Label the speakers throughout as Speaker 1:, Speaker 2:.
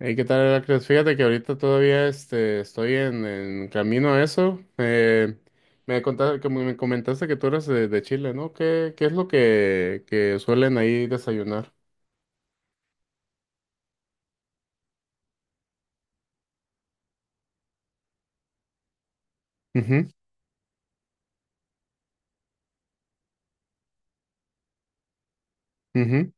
Speaker 1: Hey, ¿qué tal, Heracles? Fíjate que ahorita todavía estoy en camino a eso. Me contaste, como me comentaste que tú eres de Chile, ¿no? ¿Qué es lo que suelen ahí desayunar? Ujú, ujú.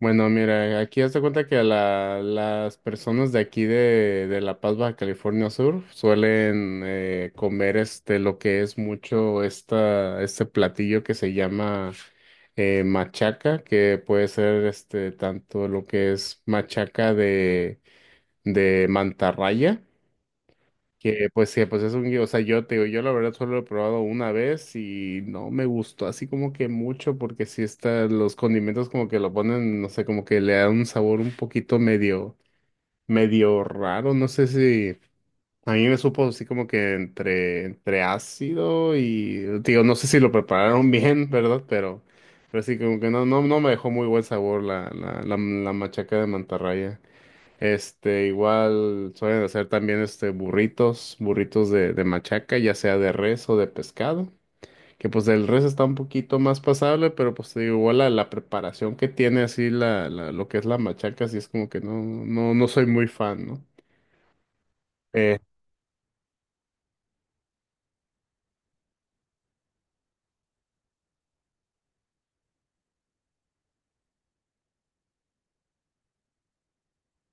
Speaker 1: Bueno, mira, aquí haz de cuenta que las personas de aquí de La Paz, Baja California Sur, suelen comer este lo que es mucho esta, este platillo que se llama machaca, que puede ser este tanto lo que es machaca de mantarraya que pues es un, yo te digo, yo la verdad solo lo he probado una vez y no me gustó así como que mucho porque si está, los condimentos como que lo ponen, no sé, como que le dan un sabor un poquito medio raro, no sé si a mí me supo así como que entre ácido y, te digo, no sé si lo prepararon bien, ¿verdad? Pero sí como que no me dejó muy buen sabor la machaca de mantarraya. Igual suelen hacer también este burritos de machaca, ya sea de res o de pescado. Que pues el res está un poquito más pasable, pero pues te digo, igual la preparación que tiene así lo que es la machaca, así es como que no soy muy fan, ¿no? Eh,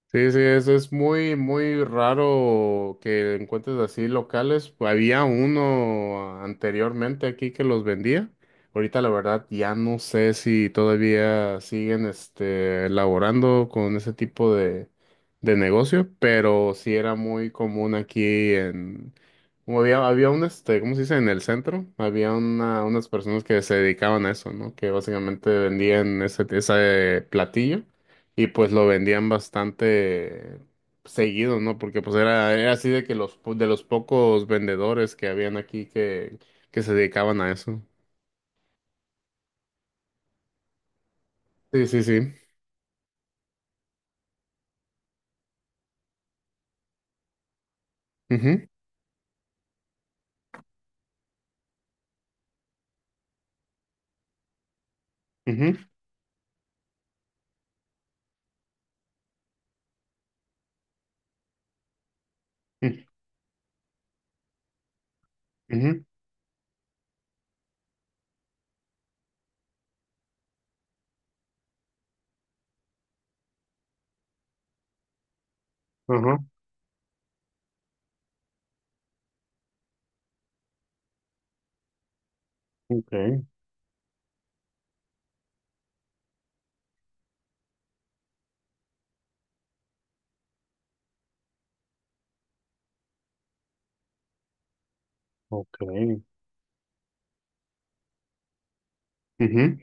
Speaker 1: sí, sí, es muy, muy raro que encuentres así locales. Había uno anteriormente aquí que los vendía. Ahorita la verdad ya no sé si todavía siguen elaborando con ese tipo de negocio, pero sí era muy común aquí en... Como había un, ¿cómo se dice? En el centro había unas personas que se dedicaban a eso, ¿no? Que básicamente vendían ese platillo. Y pues lo vendían bastante seguido, ¿no? Porque pues era así de que de los pocos vendedores que habían aquí que se dedicaban a eso. Sí, sí, sí. Ujú, ujú, ujú, ujú, ajá, ok, ok, ujú,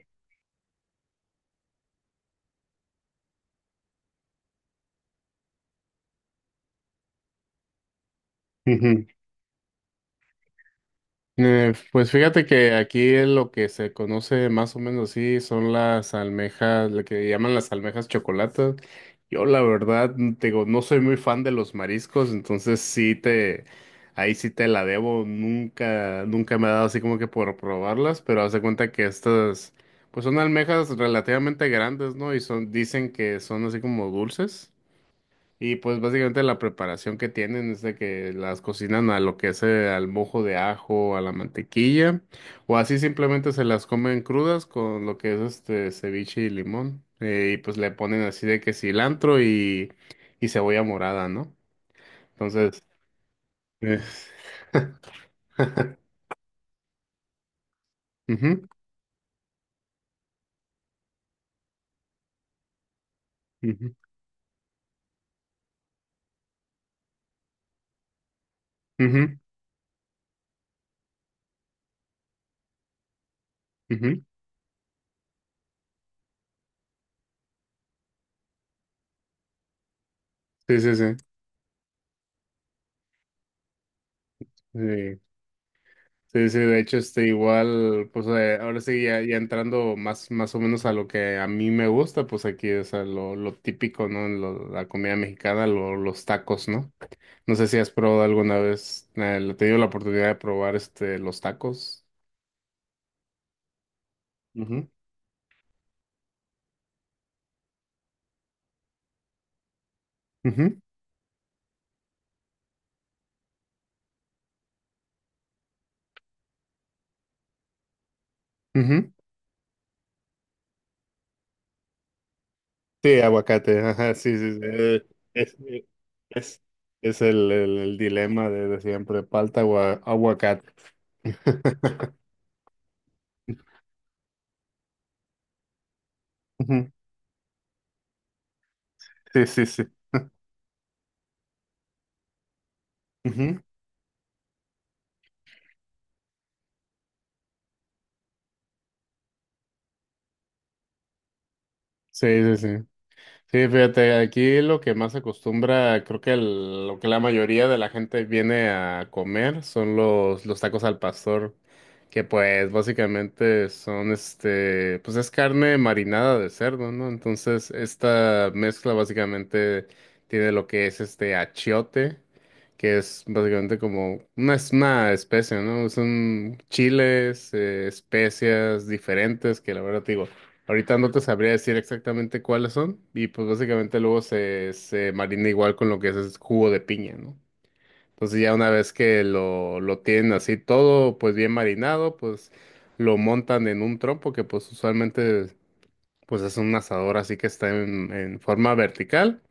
Speaker 1: ujú. Pues fíjate que aquí lo que se conoce más o menos así son las almejas, lo que llaman las almejas chocolatas. Yo la verdad, te digo, no soy muy fan de los mariscos, ahí sí te la debo. Nunca, nunca me ha dado así como que por probarlas, pero haz de cuenta que pues son almejas relativamente grandes, ¿no? Y son, dicen que son así como dulces. Y pues básicamente la preparación que tienen es de que las cocinan a lo que es al mojo de ajo, a la mantequilla, o así simplemente se las comen crudas con lo que es este ceviche y limón. Y pues le ponen así de que cilantro y cebolla morada, ¿no? Entonces, es- ujú, ujú, ujú, ujú. Sí, sí, sí. Sí. Sí, sí, de hecho, este, igual, pues ahora sí, ya entrando más, más o menos a lo que a mí me gusta, pues aquí, o sea, lo típico, ¿no? La comida mexicana, los tacos, ¿no? No sé si has probado alguna vez, he tenido la oportunidad de probar, este, los tacos. Ujú, ujú, ujú. Sí, aguacate, ajá, sí, sí, sí, es, eh, es, es el dilema de siempre, palta o aguacate. Ujú, sí, sí, sí. Ujú, sí, sí, sí. Sí, fíjate, aquí lo que más se acostumbra, creo que lo que la mayoría de la gente viene a comer son los tacos al pastor, que pues básicamente son pues es carne marinada de cerdo, ¿no? Entonces, esta mezcla básicamente tiene lo que es este achiote, que es básicamente como una, es una especie, ¿no? Son chiles, especias diferentes, que la verdad te digo. Ahorita no te sabría decir exactamente cuáles son y pues básicamente luego se marina igual con lo que es jugo de piña, ¿no? Entonces ya una vez que lo tienen así todo pues bien marinado, pues lo montan en un trompo que pues usualmente pues es un asador así que está en forma vertical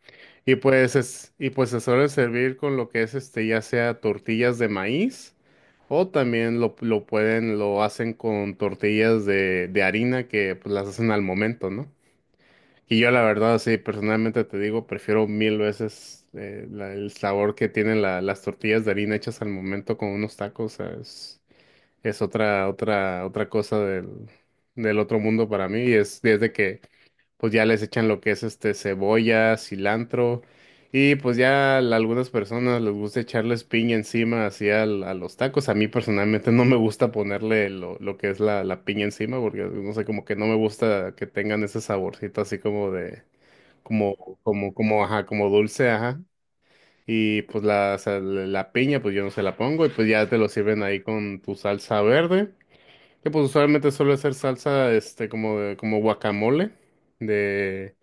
Speaker 1: y pues es, y pues se suele servir con lo que es este ya sea tortillas de maíz o también lo pueden, lo hacen con tortillas de harina que pues las hacen al momento, ¿no? Y yo la verdad, sí, personalmente te digo, prefiero mil veces el sabor que tienen las tortillas de harina hechas al momento con unos tacos. O sea, es otra cosa del otro mundo para mí. Y es desde que pues ya les echan lo que es este cebolla, cilantro. Y pues ya a algunas personas les gusta echarles piña encima así a los tacos. A mí personalmente no me gusta ponerle lo que es la piña encima porque no sé, como que no me gusta que tengan ese saborcito así como de como, ajá, como dulce, ajá. Y pues la, o sea, la la piña, pues yo no se la pongo, y pues ya te lo sirven ahí con tu salsa verde, que pues usualmente suele ser salsa, este, como, como guacamole, de,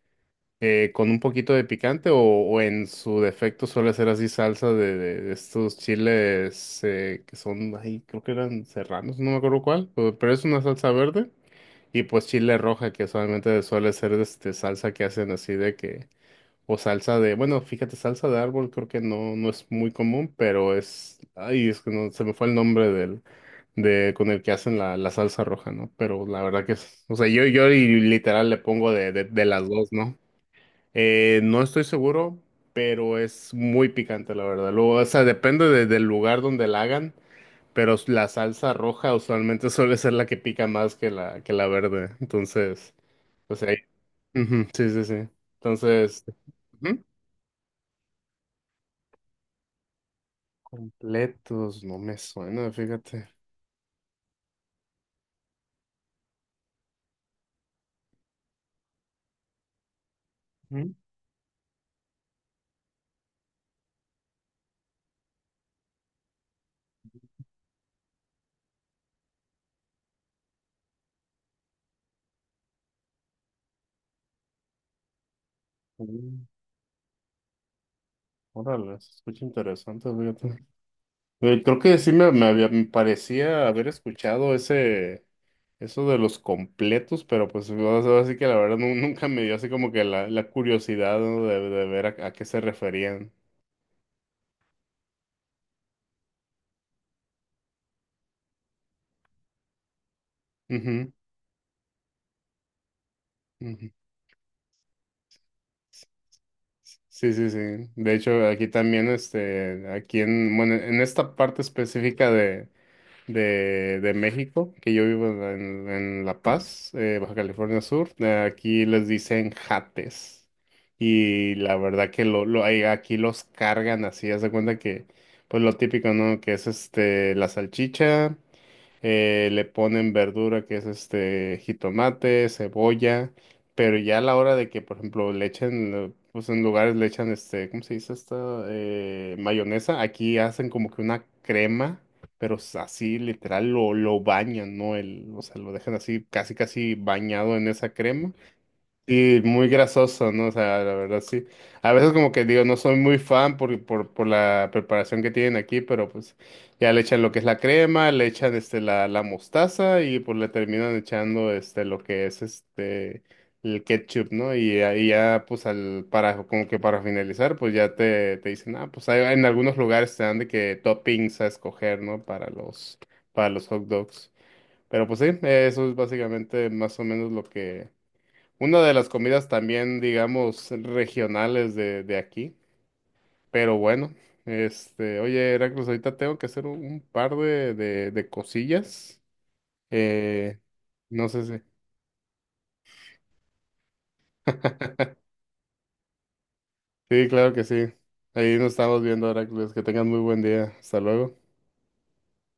Speaker 1: con un poquito de picante, o en su defecto suele ser así salsa de estos chiles, que son, ahí creo que eran serranos, no me acuerdo cuál, pero es una salsa verde. Y pues chile roja, que usualmente suele ser este salsa que hacen así de que o salsa de, bueno, fíjate, salsa de árbol creo que no, no es muy común, pero es, ay, es que no, se me fue el nombre con el que hacen la salsa roja, ¿no? Pero la verdad que es, o sea, yo y literal le pongo de las dos, ¿no? No estoy seguro, pero es muy picante, la verdad. Luego, o sea, depende del lugar donde la hagan, pero la salsa roja usualmente suele ser la que pica más que que la verde. Entonces, o sea, ahí- ujú, sí, sí, sí. Entonces, ujú. Completos, no me suena, fíjate. Mm, mm, órale, se escucha interesante, fíjate. Creo que sí me parecía haber escuchado eso de los completos, pero pues o sea, así que la verdad nunca me dio así como que la curiosidad, ¿no? De ver a qué se referían. Ujú, ujú. Sí, sí, sí. De hecho, aquí también, este, aquí en, bueno, en esta parte específica de México, que yo vivo en La Paz, Baja California Sur. Aquí les dicen jates. Y la verdad que aquí los cargan así, haz de cuenta que, pues lo típico, ¿no? Que es este, la salchicha le ponen verdura que es este jitomate, cebolla, pero ya a la hora de que, por ejemplo, le echen, pues en lugares le echan este, ¿cómo se dice esto? Mayonesa, aquí hacen como que una crema, pero así literal lo bañan, ¿no? El, o sea, lo dejan así casi casi bañado en esa crema. Sí, muy grasoso, ¿no? O sea, la verdad sí. A veces como que digo, no soy muy fan por la preparación que tienen aquí, pero pues ya le echan lo que es la crema, le echan este la mostaza y pues le terminan echando este lo que es este el ketchup, ¿no? Y ahí ya pues al para como que para finalizar, pues ya te dicen, ah, pues hay, en algunos lugares te dan de que toppings a escoger, ¿no? Para los hot dogs. Pero pues sí, eso es básicamente más o menos lo que una de las comidas también, digamos, regionales de aquí. Pero bueno, este, oye, Heracles, ahorita tengo que hacer un par de cosillas. Eh, no sé si. Sí, claro que sí. Ahí nos estamos viendo, Heracles. Que tengas muy buen día. Hasta luego.